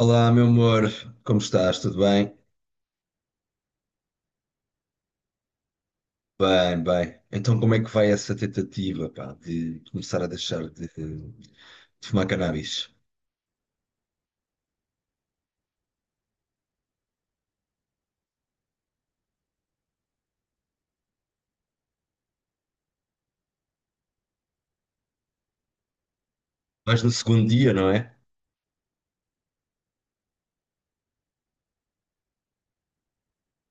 Olá, meu amor, como estás? Tudo bem? Bem, bem. Então, como é que vai essa tentativa, pá, de começar a deixar de fumar cannabis? Vais no segundo dia, não é?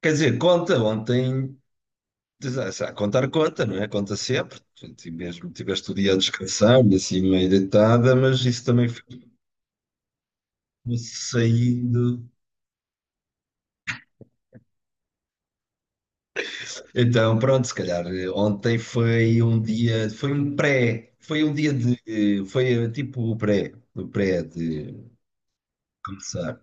Quer dizer, conta, ontem, a contar conta, não é? Conta sempre. Portanto, e mesmo tiveste o dia a descansar e assim meio deitada, mas isso também ficou saindo. Então, pronto, se calhar ontem foi um dia, foi um pré, foi um dia de, foi tipo o pré de começar.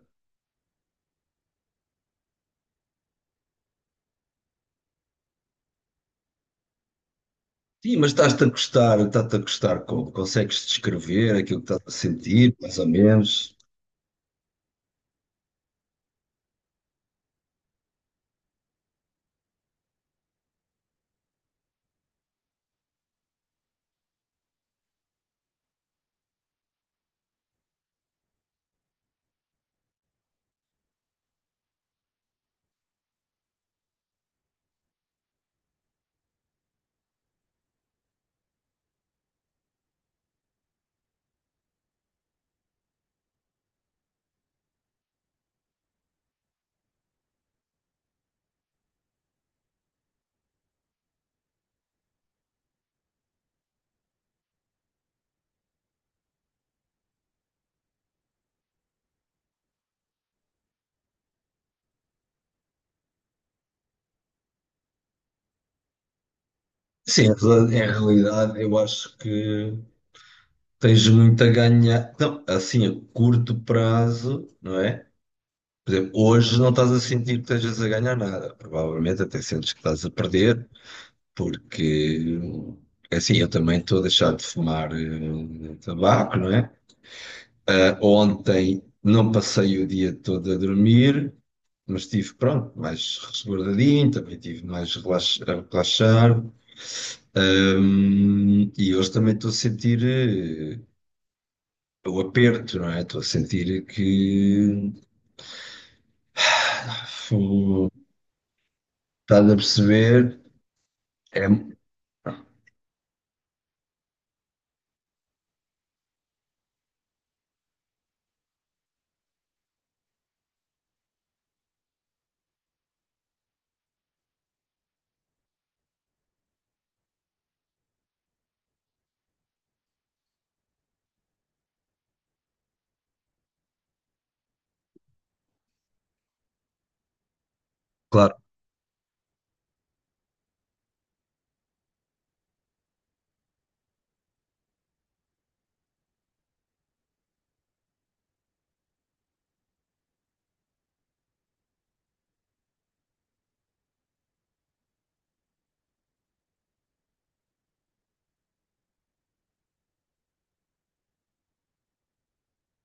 Sim, mas estás-te a gostar como? Consegues descrever aquilo que estás a sentir, mais ou menos? Sim, em realidade, eu acho que tens muito a ganhar. Não, assim, a curto prazo, não é? Por exemplo, hoje não estás a sentir que estejas a ganhar nada. Provavelmente até sentes que estás a perder, porque, assim, eu também estou a deixar de fumar tabaco, não é? Ah, ontem não passei o dia todo a dormir, mas estive, pronto, mais resguardadinho, também estive mais a relaxar. E hoje também estou a sentir o aperto, não é? Estou a sentir que. fu- Estás a perceber? É claro.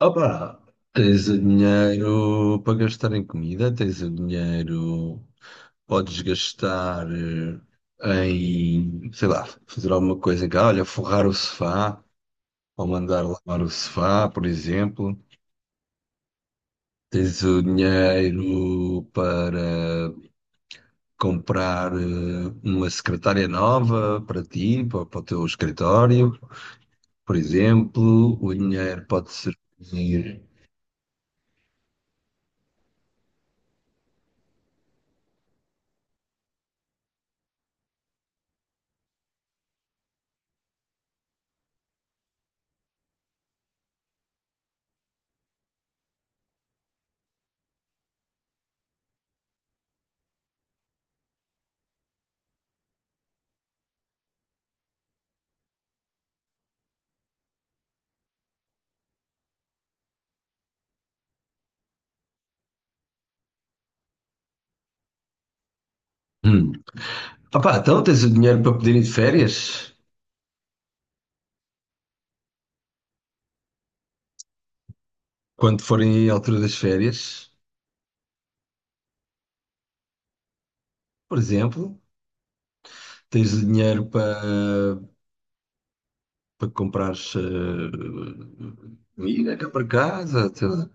Opa! Tens o dinheiro para gastar em comida, tens o dinheiro, podes gastar em, sei lá, fazer alguma coisa em casa, olha, forrar o sofá, ao mandar lavar o sofá, por exemplo. Tens o dinheiro para comprar uma secretária nova para ti, para, para o teu escritório, por exemplo. O dinheiro pode servir. Hum. Opá, então tens o dinheiro para poder ir de férias, quando forem a altura das férias, por exemplo. Tens o dinheiro para, para comprares comida cá para casa, sei lá.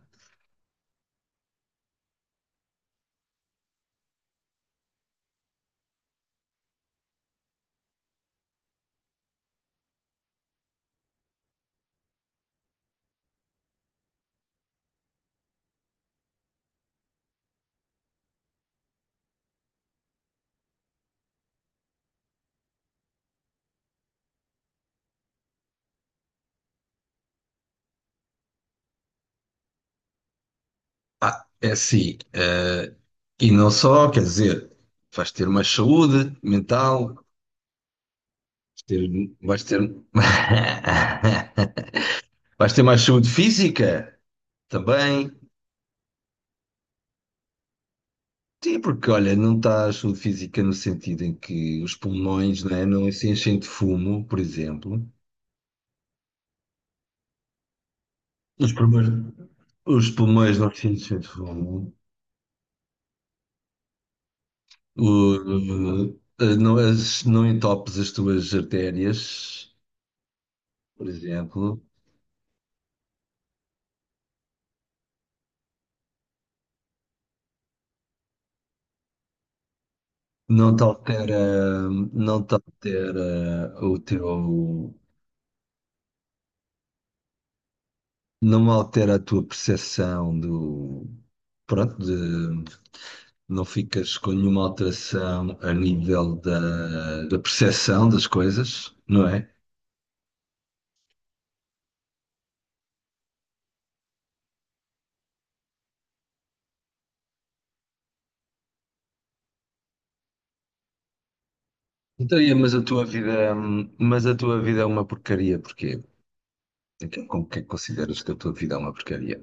Ah, é assim. E não só, quer dizer, vais ter mais saúde mental, ter, vais ter, vais ter mais saúde física também. Sim, porque olha, não está a saúde física no sentido em que os pulmões, né, não se enchem de fumo, por exemplo. Os pulmões, os pulmões não se enchem de fumo. Não, as, não entopes as tuas artérias, por exemplo. Não te altera, não te altera o teu, não altera a tua percepção do, pronto, de, não ficas com nenhuma alteração a nível da, da percepção das coisas, não é? Então, é, mas a tua vida, mas a tua vida é uma porcaria, porquê? Então, como que é que consideras que a tua vida é uma porcaria?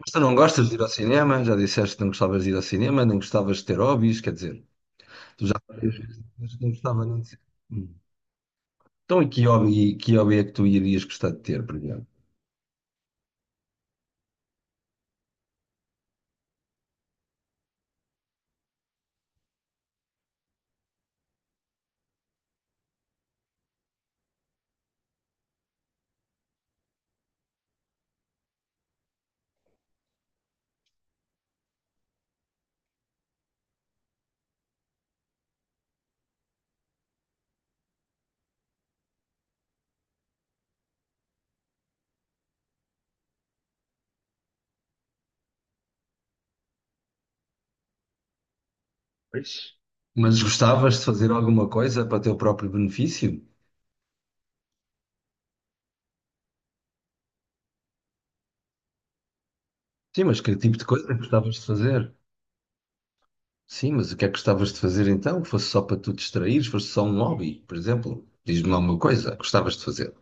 Mas tu não gostas de ir ao cinema, já disseste que não gostavas de ir ao cinema, nem gostavas de ter hobbies, quer dizer, tu já várias vezes disseste que não gostava não de. Então, e que hobby é que tu irias gostar de ter, por exemplo? Pois. Mas gostavas de fazer alguma coisa para teu próprio benefício? Sim, mas que tipo de coisa gostavas de fazer? Sim, mas o que é que gostavas de fazer então? Fosse só para tu distraíres? Fosse só um hobby, por exemplo? Diz-me lá uma coisa que gostavas de fazer.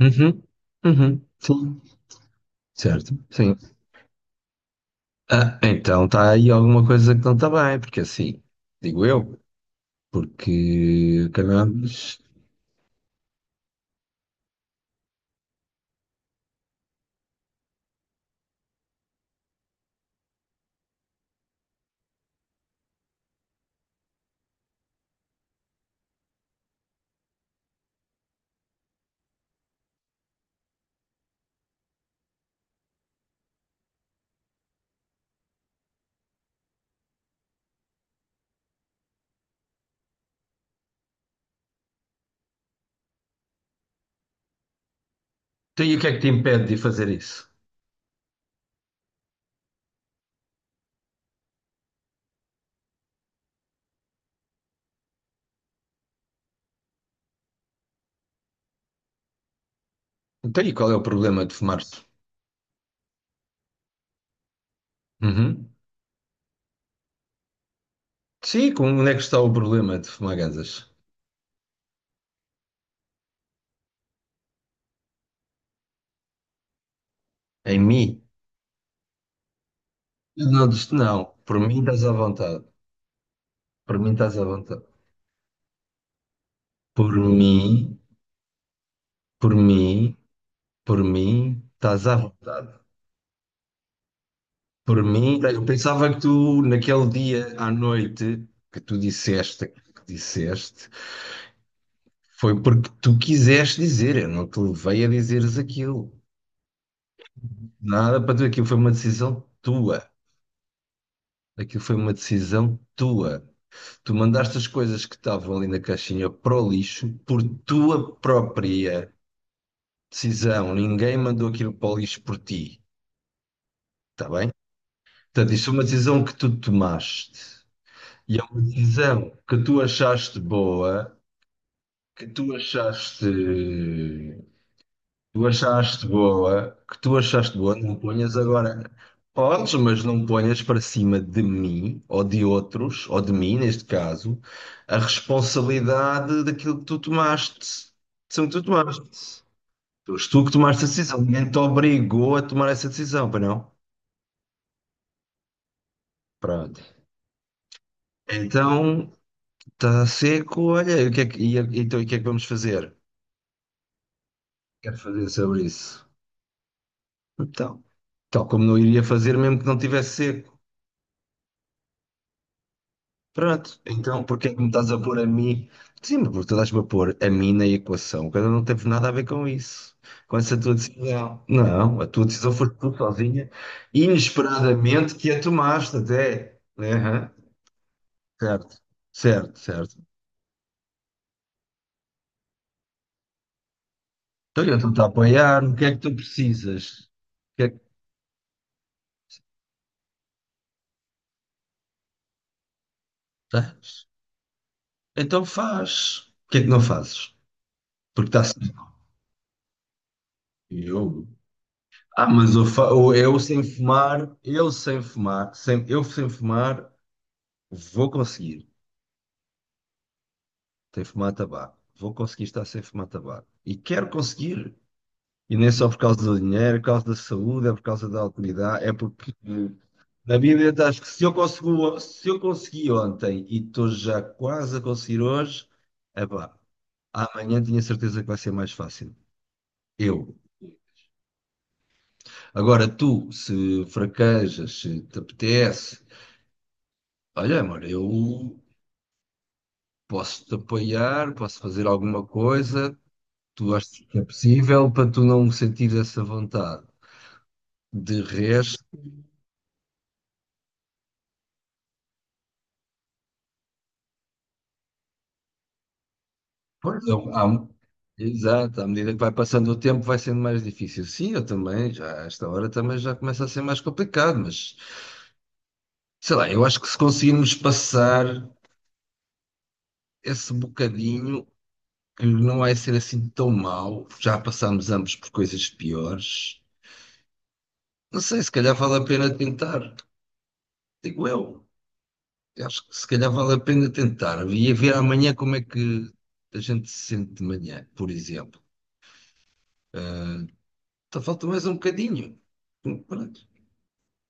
Uhum, uhum, sim. Certo, sim. Ah, então está aí alguma coisa que não está bem, porque assim, digo eu, porque acabamos. Então, e o que é que te impede de fazer isso? Então, e qual é o problema de fumar-se? Uhum. Sim, onde é que está o problema de fumar gansas? Em mim? Não, não, por mim estás à vontade. Por mim estás à vontade. Por mim, por mim, por mim, estás à vontade. Por mim, eu pensava que tu, naquele dia à noite, que tu disseste, foi porque tu quiseste dizer, eu não te levei a dizeres aquilo. Nada para tu, aquilo foi uma decisão tua. Aquilo foi uma decisão tua. Tu mandaste as coisas que estavam ali na caixinha para o lixo por tua própria decisão. Ninguém mandou aquilo para o lixo por ti, está bem? Portanto, isso é uma decisão que tu tomaste. E é uma decisão que tu achaste boa, que tu achaste não ponhas agora. Podes, mas não ponhas para cima de mim, ou de outros, ou de mim, neste caso, a responsabilidade daquilo que tu tomaste, são que tu tomaste. Foste tu que tomaste a decisão. Ninguém te obrigou a tomar essa decisão, para não? Pronto. Então, está seco, olha, e o que é que, e, então, e o que é que vamos fazer? Quero fazer sobre isso. Então, tal como não iria fazer mesmo que não tivesse seco. Pronto, então porque é que me estás a pôr a mim? Sim, porque tu estás-me a pôr a mim na equação, quando eu não teve nada a ver com isso, com essa tua decisão. Não, a tua decisão foi tu sozinha, inesperadamente, que a tomaste até. Aham, certo, certo, certo. Então eu estou-te a apoiar, o que é que tu precisas? O que é que tens? Então faz. O que é que não fazes? Porque está certo. Eu. Ah, mas eu, eu sem fumar, eu sem fumar, sem, eu sem fumar. Vou conseguir sem fumar tabaco. Vou conseguir estar sem fumar tabaco. E quero conseguir. E nem só por causa do dinheiro, é por causa da saúde, é por causa da autoridade, é porque na Bíblia acho que se eu consegui, se eu consegui ontem e estou já quase a conseguir hoje, epá, amanhã tinha certeza que vai ser mais fácil. Eu. Agora tu, se fraquejas, se te apetece, olha, amor, eu posso te apoiar, posso fazer alguma coisa, tu achas que é possível para tu não sentir essa vontade. De resto, pois, exato, à medida que vai passando o tempo vai sendo mais difícil. Sim, eu também, já, a esta hora também já começa a ser mais complicado, mas sei lá, eu acho que se conseguirmos passar esse bocadinho, que não vai ser assim tão mau, já passámos ambos por coisas piores, não sei, se calhar vale a pena tentar, digo eu. Eu acho que se calhar vale a pena tentar. Ia ver amanhã como é que a gente se sente de manhã, por exemplo. Então falta mais um bocadinho. Pronto.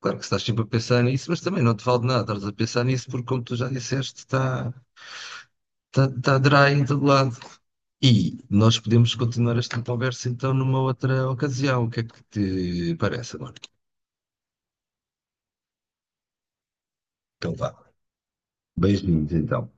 Claro que estás sempre a pensar nisso, mas também não te vale de nada. Estás a pensar nisso porque, como tu já disseste, está tá dry em todo lado. E nós podemos continuar esta conversa então numa outra ocasião. O que é que te parece agora? Então vá. Beijinhos então.